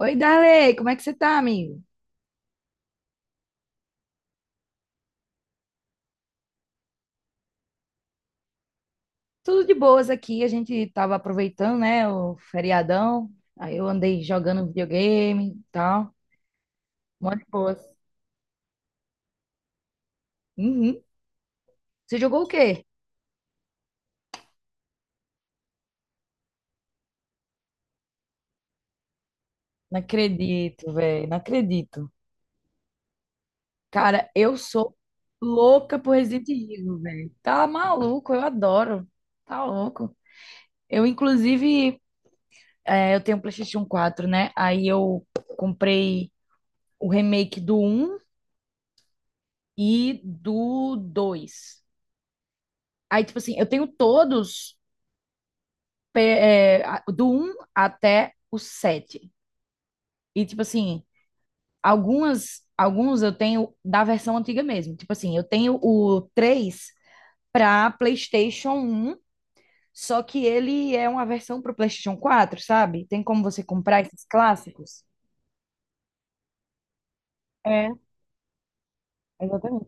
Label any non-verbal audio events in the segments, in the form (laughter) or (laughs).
Oi, Darley, como é que você tá, amigo? Tudo de boas aqui. A gente tava aproveitando, né, o feriadão. Aí eu andei jogando videogame e tal. Muito boas. Uhum. Você jogou o quê? Não acredito, velho. Não acredito. Cara, eu sou louca por Resident Evil, velho. Tá maluco, eu adoro. Tá louco. Eu, inclusive, eu tenho um PlayStation 4, né? Aí eu comprei o remake do um e do 2. Aí, tipo assim, eu tenho todos do um até o sete. E, tipo assim, alguns eu tenho da versão antiga mesmo. Tipo assim, eu tenho o 3 para PlayStation 1, só que ele é uma versão para o PlayStation 4, sabe? Tem como você comprar esses clássicos? É, exatamente.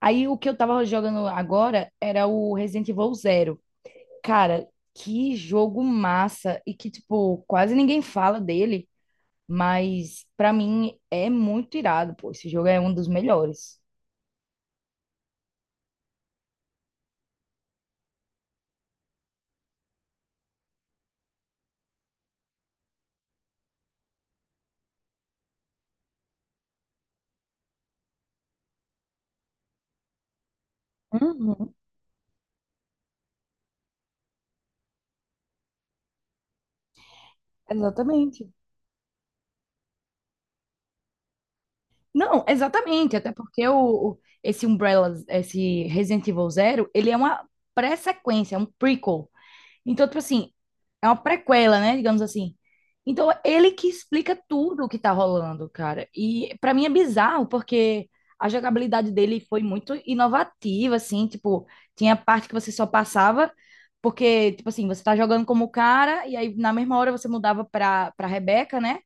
Aí o que eu tava jogando agora era o Resident Evil Zero. Cara, que jogo massa! E que, tipo, quase ninguém fala dele. Mas pra mim é muito irado, pô. Esse jogo é um dos melhores. Uhum, exatamente. Não, exatamente, até porque esse Umbrella, esse Resident Evil Zero, ele é uma pré-sequência, é um prequel. Então, tipo assim, é uma prequela, né? Digamos assim. Então, ele que explica tudo o que tá rolando, cara. E pra mim é bizarro, porque a jogabilidade dele foi muito inovativa, assim, tipo, tinha parte que você só passava, porque, tipo assim, você tá jogando como o cara, e aí na mesma hora você mudava pra Rebeca, né?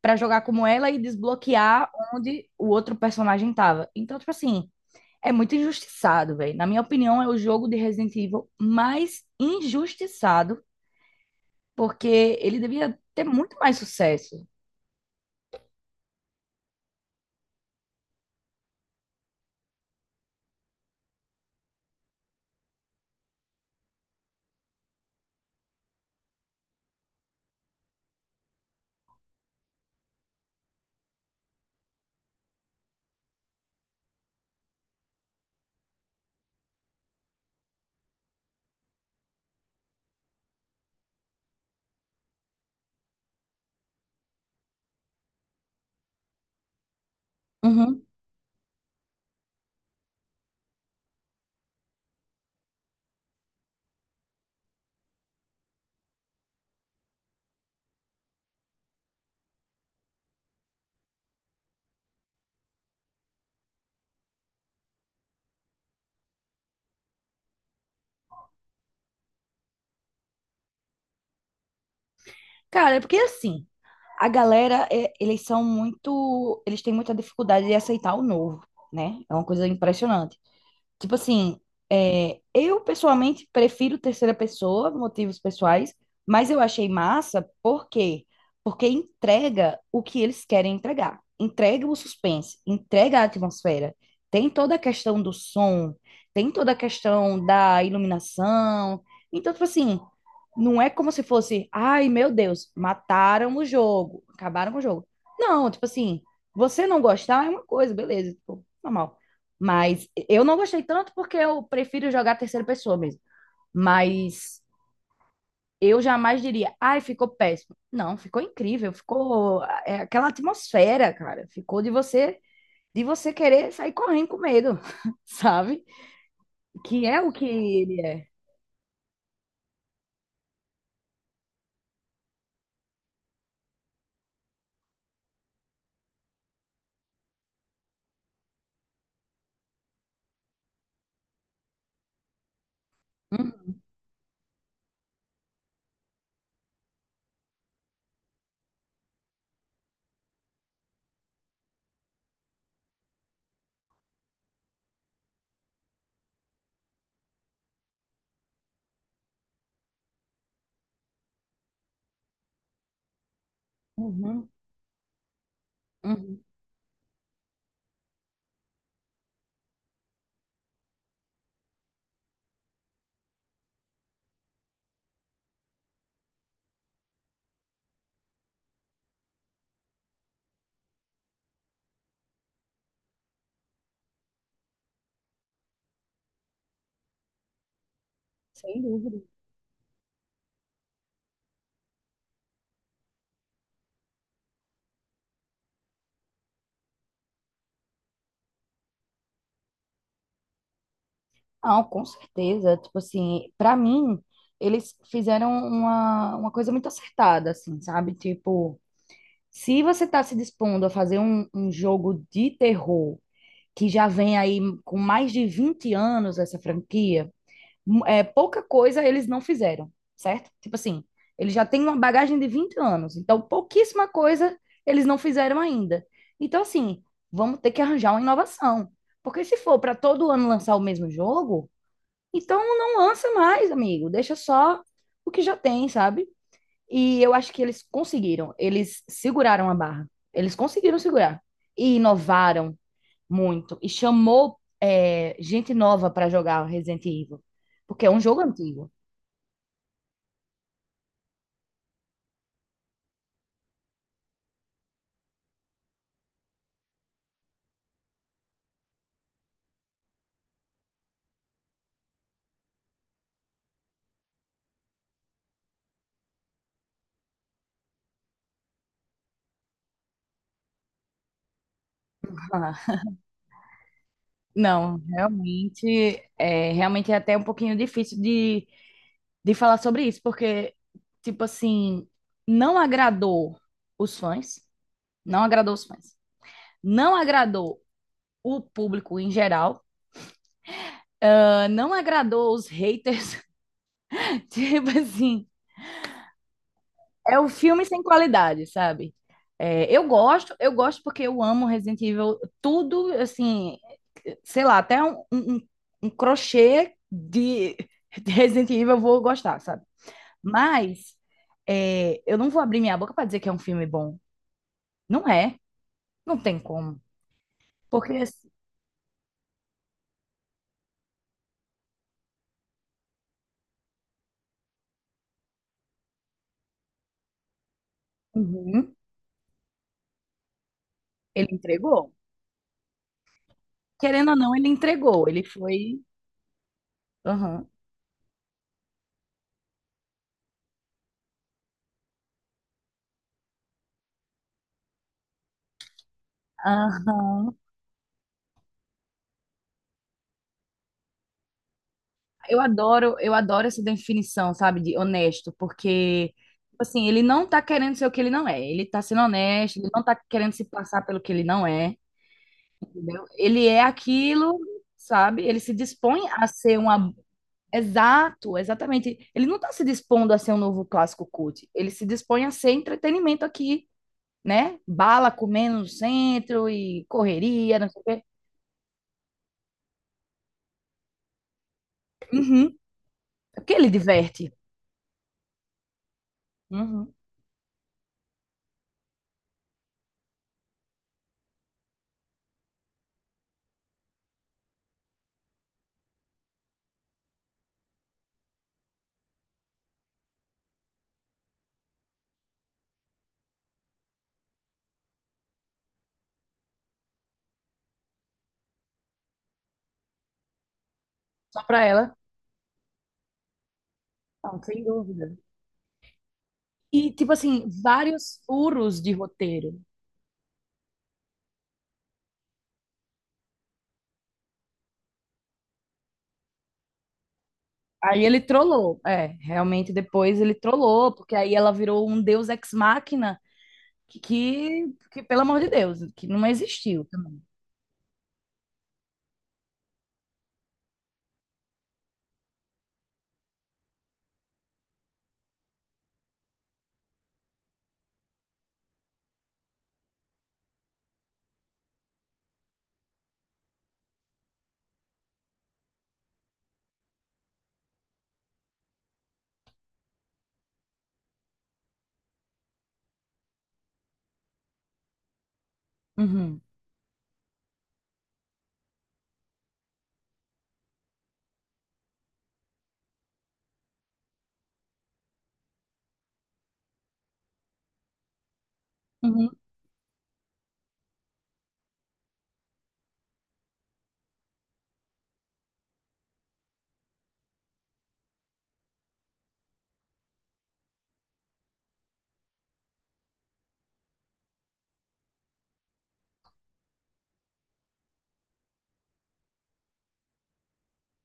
Pra jogar como ela e desbloquear onde o outro personagem tava. Então, tipo assim, é muito injustiçado, velho. Na minha opinião, é o jogo de Resident Evil mais injustiçado porque ele devia ter muito mais sucesso. Uhum. Cara, é porque assim, a galera, eles têm muita dificuldade de aceitar o novo, né? É uma coisa impressionante. Tipo assim, eu pessoalmente prefiro terceira pessoa, motivos pessoais, mas eu achei massa, por quê? Porque entrega o que eles querem entregar. Entrega o suspense, entrega a atmosfera. Tem toda a questão do som, tem toda a questão da iluminação. Então, tipo assim, não é como se fosse, ai meu Deus, mataram o jogo, acabaram com o jogo. Não, tipo assim, você não gostar é uma coisa, beleza, tipo, normal. Mas eu não gostei tanto porque eu prefiro jogar a terceira pessoa mesmo. Mas eu jamais diria, ai, ficou péssimo. Não, ficou incrível, ficou é aquela atmosfera, cara. Ficou de você querer sair correndo com medo, (laughs) sabe? Que é o que ele é. Hum, Uhum, uhum, sem dúvida. Não, com certeza. Tipo assim, pra mim, eles fizeram uma coisa muito acertada, assim, sabe? Tipo, se você está se dispondo a fazer um jogo de terror que já vem aí com mais de 20 anos essa franquia, pouca coisa eles não fizeram, certo? Tipo assim, eles já têm uma bagagem de 20 anos, então pouquíssima coisa eles não fizeram ainda. Então, assim, vamos ter que arranjar uma inovação. Porque se for para todo ano lançar o mesmo jogo, então não lança mais, amigo. Deixa só o que já tem, sabe? E eu acho que eles conseguiram, eles seguraram a barra, eles conseguiram segurar e inovaram muito e chamou gente nova para jogar Resident Evil, porque é um jogo antigo. (laughs) Ah, não, realmente é até um pouquinho difícil de falar sobre isso, porque, tipo assim, não agradou os fãs, não agradou os fãs, não agradou o público em geral, ah, não agradou os haters, (laughs) tipo assim, é o filme sem qualidade, sabe? É, eu gosto porque eu amo Resident Evil, tudo, assim, sei lá, até um crochê de Resident Evil eu vou gostar, sabe? Mas eu não vou abrir minha boca para dizer que é um filme bom. Não é, não tem como. Porque assim... Uhum. Ele entregou. Querendo ou não, ele entregou. Ele foi. Aham. Aham. Eu adoro essa definição, sabe, de honesto, porque, tipo assim, ele não tá querendo ser o que ele não é. Ele tá sendo honesto, ele não tá querendo se passar pelo que ele não é, entendeu? Ele é aquilo, sabe? Ele se dispõe a ser uma... Exato, exatamente. Ele não tá se dispondo a ser um novo clássico cult. Ele se dispõe a ser entretenimento aqui, né? Bala comendo no centro e correria, não sei o quê. Uhum. É, porque ele diverte. Uhum. Só pra ela. Não, sem dúvida. E, tipo assim, vários furos de roteiro. Aí ele trollou. É, realmente depois ele trollou, porque aí ela virou um deus ex machina que, pelo amor de Deus, que não existiu também. Uhum, uhum,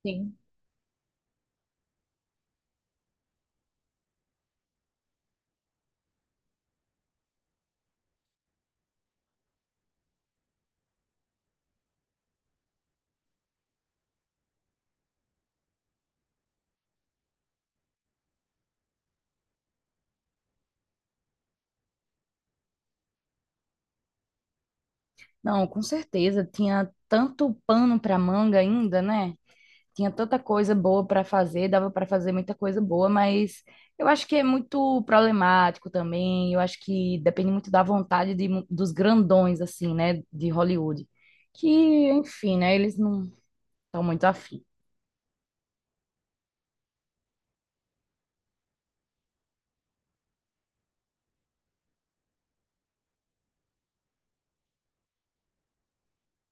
sim. Não, com certeza. Tinha tanto pano pra manga ainda, né? Tinha tanta coisa boa para fazer, dava para fazer muita coisa boa, mas eu acho que é muito problemático também. Eu acho que depende muito da vontade dos grandões, assim, né, de Hollywood. Que, enfim, né, eles não estão muito afim.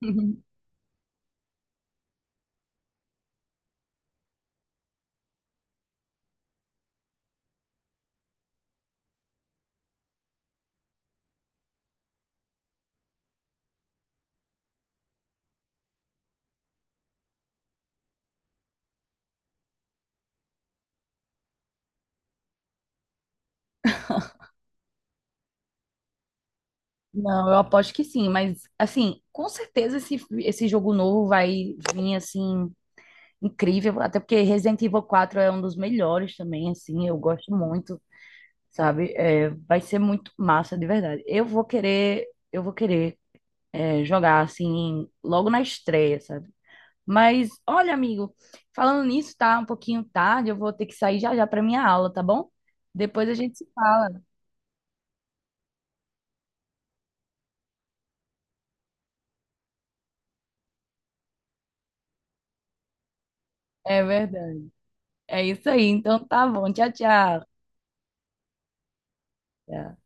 (laughs) Não, eu aposto que sim, mas, assim, com certeza esse jogo novo vai vir, assim, incrível. Até porque Resident Evil 4 é um dos melhores também, assim, eu gosto muito. Sabe? É, vai ser muito massa, de verdade. Eu vou querer jogar assim logo na estreia, sabe? Mas olha, amigo, falando nisso, tá um pouquinho tarde, eu vou ter que sair já já para minha aula, tá bom? Depois a gente se fala. É verdade. É isso aí. Então tá bom. Tchau, tchau. Tchau.